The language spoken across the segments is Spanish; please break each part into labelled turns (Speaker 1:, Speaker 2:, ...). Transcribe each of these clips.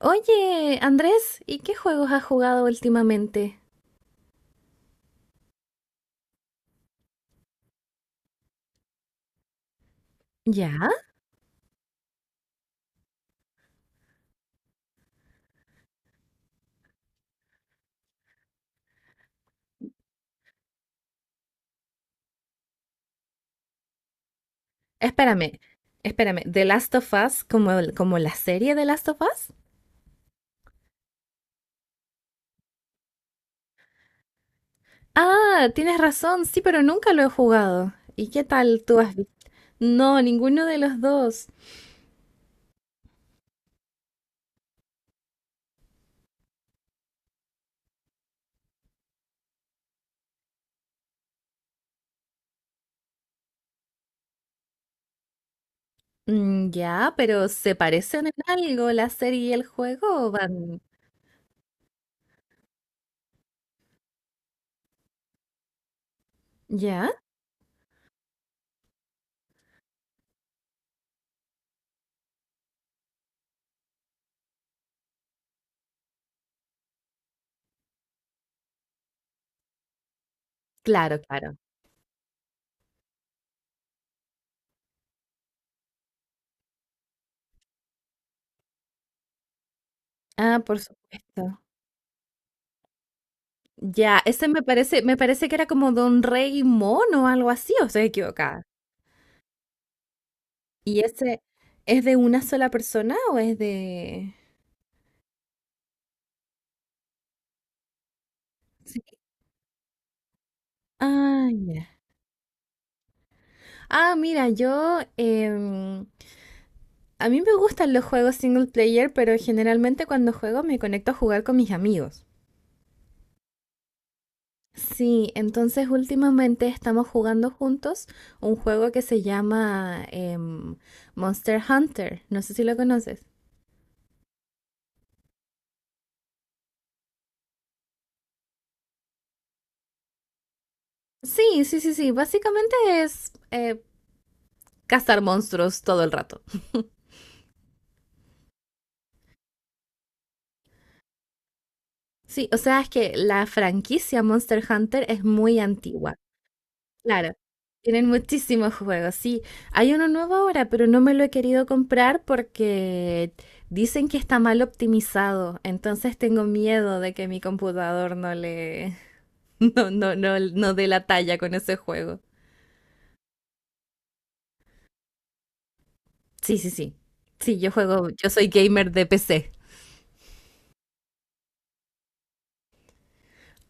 Speaker 1: Oye, Andrés, ¿y qué juegos has jugado últimamente? ¿Ya? Espérame, espérame. ¿The Last of Us como, como la serie The Last of Us? Ah, tienes razón, sí, pero nunca lo he jugado. ¿Y qué tal tú has visto? No, ninguno de los dos. Mm, ya, pero ¿se parecen en algo la serie y el juego? ¿Ya? Claro, claro. Ah, por supuesto. Ya, ese me parece que era como de un rey mono o algo así, o estoy equivocada. ¿Y ese es de una sola persona o es de...? Sí. Ah, ya. Ah, mira, a mí me gustan los juegos single player, pero generalmente cuando juego me conecto a jugar con mis amigos. Sí, entonces últimamente estamos jugando juntos un juego que se llama Monster Hunter. No sé si lo conoces. Sí, sí, sí, sí. Básicamente es cazar monstruos todo el rato. Sí, o sea, es que la franquicia Monster Hunter es muy antigua. Claro, tienen muchísimos juegos. Sí, hay uno nuevo ahora, pero no me lo he querido comprar porque dicen que está mal optimizado. Entonces tengo miedo de que mi computador no le, no, no, no, no dé la talla con ese juego. Sí, sí, sí. Sí, yo juego, yo soy gamer de PC.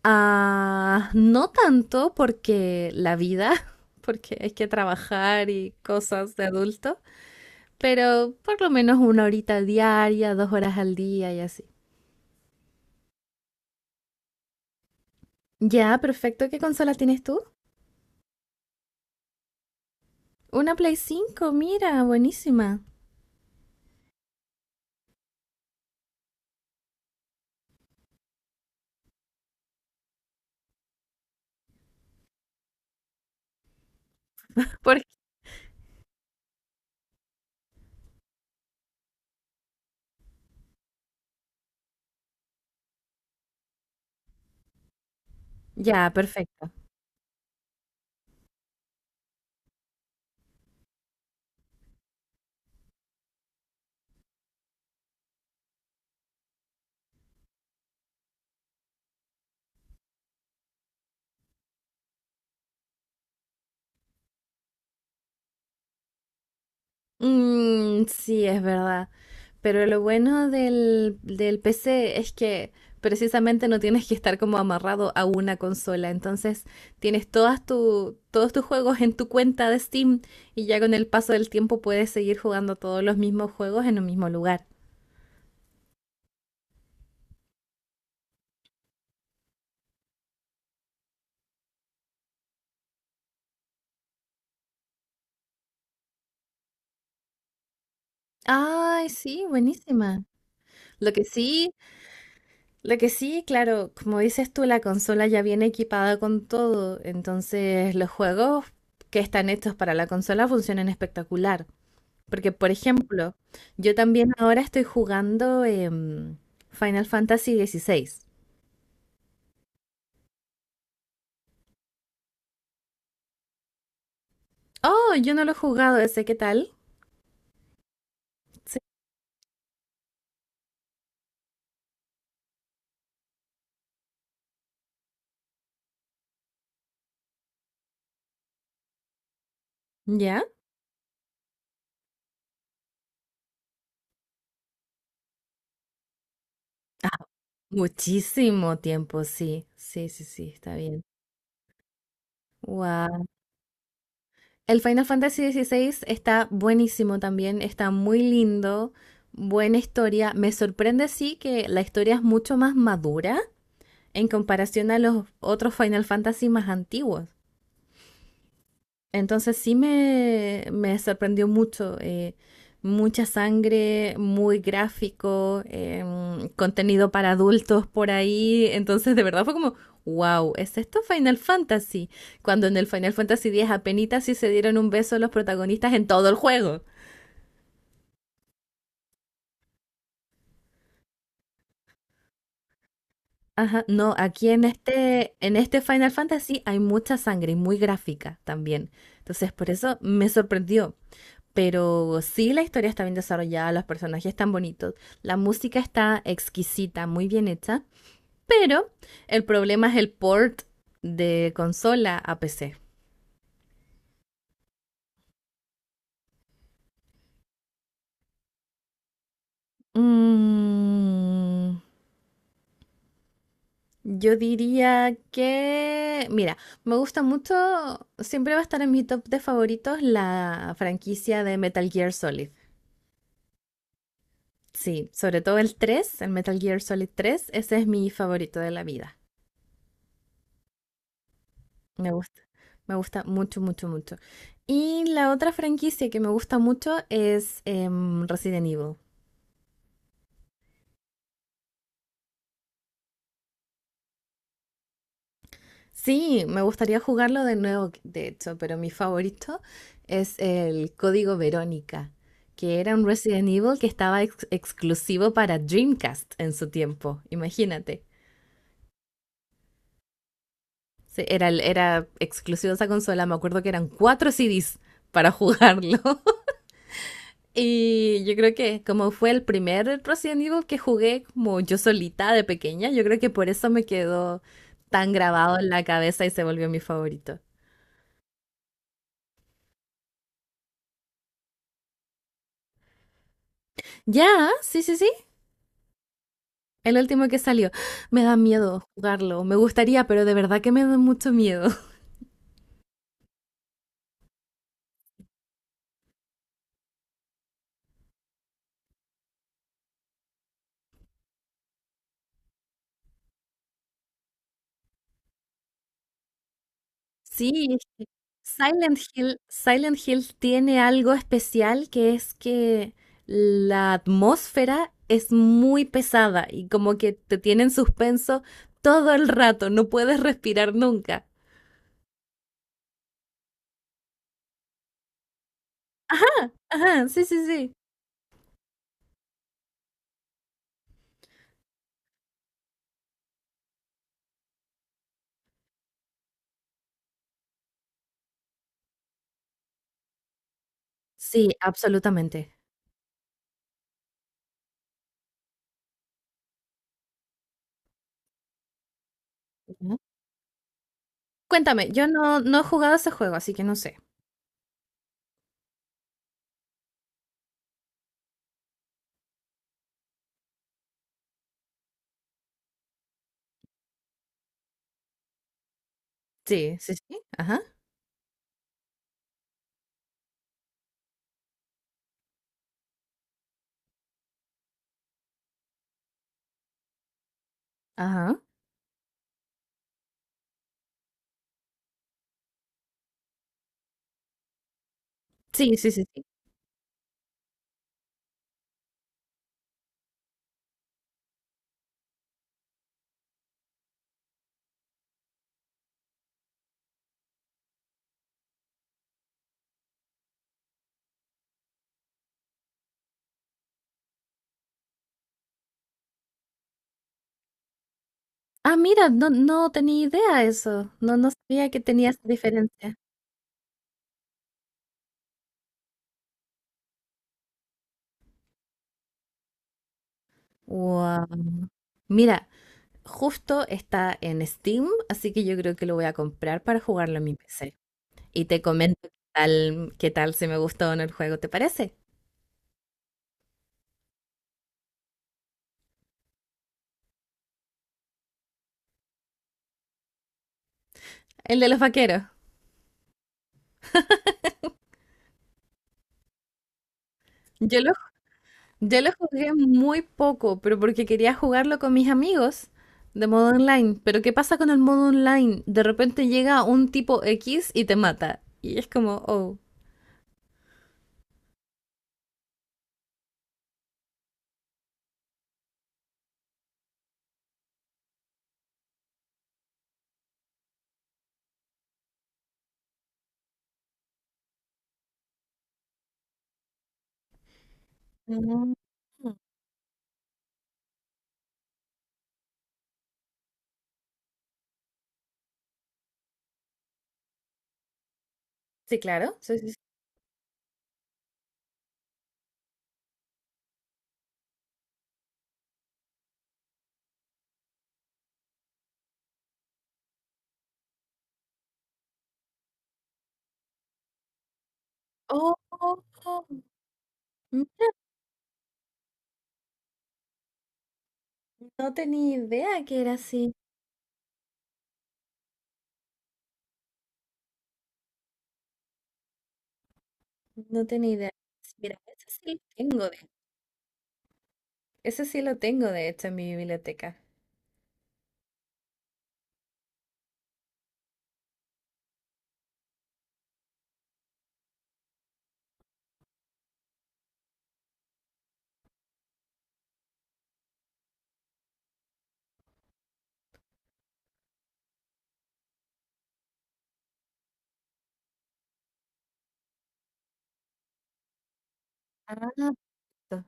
Speaker 1: Ah, no tanto porque la vida, porque hay que trabajar y cosas de adulto. Pero por lo menos una horita diaria, dos horas al día y así. Ya, perfecto. ¿Qué consola tienes tú? Una Play 5, mira, buenísima. Por- Ya, perfecto. Mm, sí, es verdad. Pero lo bueno del, del PC es que precisamente no tienes que estar como amarrado a una consola. Entonces tienes todas tu, todos tus juegos en tu cuenta de Steam y ya con el paso del tiempo puedes seguir jugando todos los mismos juegos en un mismo lugar. Ay, sí, buenísima. Lo que sí, lo que sí, claro, como dices tú, la consola ya viene equipada con todo, entonces los juegos que están hechos para la consola funcionan espectacular. Porque, por ejemplo, yo también ahora estoy jugando Final Fantasy dieciséis. Oh, yo no lo he jugado ese, ¿qué tal? Sí. ¿Ya? Muchísimo tiempo, sí. Sí, sí, sí, está bien. Wow. El Final Fantasy XVI está buenísimo también, está muy lindo, buena historia. Me sorprende sí que la historia es mucho más madura en comparación a los otros Final Fantasy más antiguos. Entonces sí me sorprendió mucho. Mucha sangre, muy gráfico, contenido para adultos por ahí. Entonces de verdad fue como, wow, ¿es esto Final Fantasy? Cuando en el Final Fantasy X apenitas sí se dieron un beso los protagonistas en todo el juego. Ajá, no, aquí en este Final Fantasy hay mucha sangre y muy gráfica también. Entonces, por eso me sorprendió. Pero sí, la historia está bien desarrollada, los personajes están bonitos, la música está exquisita, muy bien hecha, pero el problema es el port de consola a PC. Mm, yo diría que, mira, me gusta mucho, siempre va a estar en mi top de favoritos la franquicia de Metal Gear Solid. Sí, sobre todo el 3, el Metal Gear Solid tres, ese es mi favorito de la vida. Me gusta, me gusta mucho, mucho, mucho. Y la otra franquicia que me gusta mucho es Resident Evil. Sí, me gustaría jugarlo de nuevo, de hecho, pero mi favorito es el Código Verónica, que era un Resident Evil que estaba exclusivo para Dreamcast en su tiempo, imagínate. Sí, era, era exclusivo de esa consola, me acuerdo que eran cuatro CDs para jugarlo. Y yo creo que como fue el primer Resident Evil que jugué como yo solita de pequeña, yo creo que por eso me quedó tan grabado en la cabeza y se volvió mi favorito. Ya, sí, sí, sí, el último que salió. Me da miedo jugarlo, me gustaría, pero de verdad que me da mucho miedo. Sí, es que Silent Hill tiene algo especial que es que la atmósfera es muy pesada y como que te tiene en suspenso todo el rato, no puedes respirar nunca. Ajá, sí, sí, sí. Sí, absolutamente. Ujú. Cuéntame, yo no, no he jugado ese juego, así que no sé. Sí, sí, sí. Ajá, ajá. Sí, sí, sí, sí. Ah, mira, no, no tenía idea eso. No, no sabía que tenía esa diferencia. Wow. Mira, justo está en Steam, así que yo creo que lo voy a comprar para jugarlo en mi PC. Y te comento qué tal si me gustó o no el juego, ¿te parece? El de los vaqueros. Yo lo, yo lo jugué muy poco, pero porque quería jugarlo con mis amigos de modo online. Pero ¿qué pasa con el modo online? De repente llega un tipo X y te mata. Y es como, oh. Mm, sí, claro. Sí, sí, sí. Oh, oh, oh, mira, no tenía idea que era así. No tenía idea. Mira, ese sí lo tengo, de, ese sí lo tengo, de hecho, en mi biblioteca. Ah, to-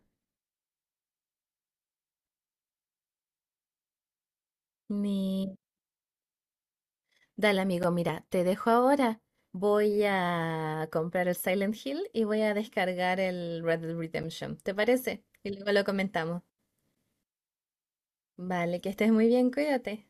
Speaker 1: mi... Dale, amigo, mira, te dejo ahora. Voy a comprar el Silent Hill y voy a descargar el Red Dead Redemption. ¿Te parece? Y luego lo comentamos. Vale, que estés muy bien, cuídate.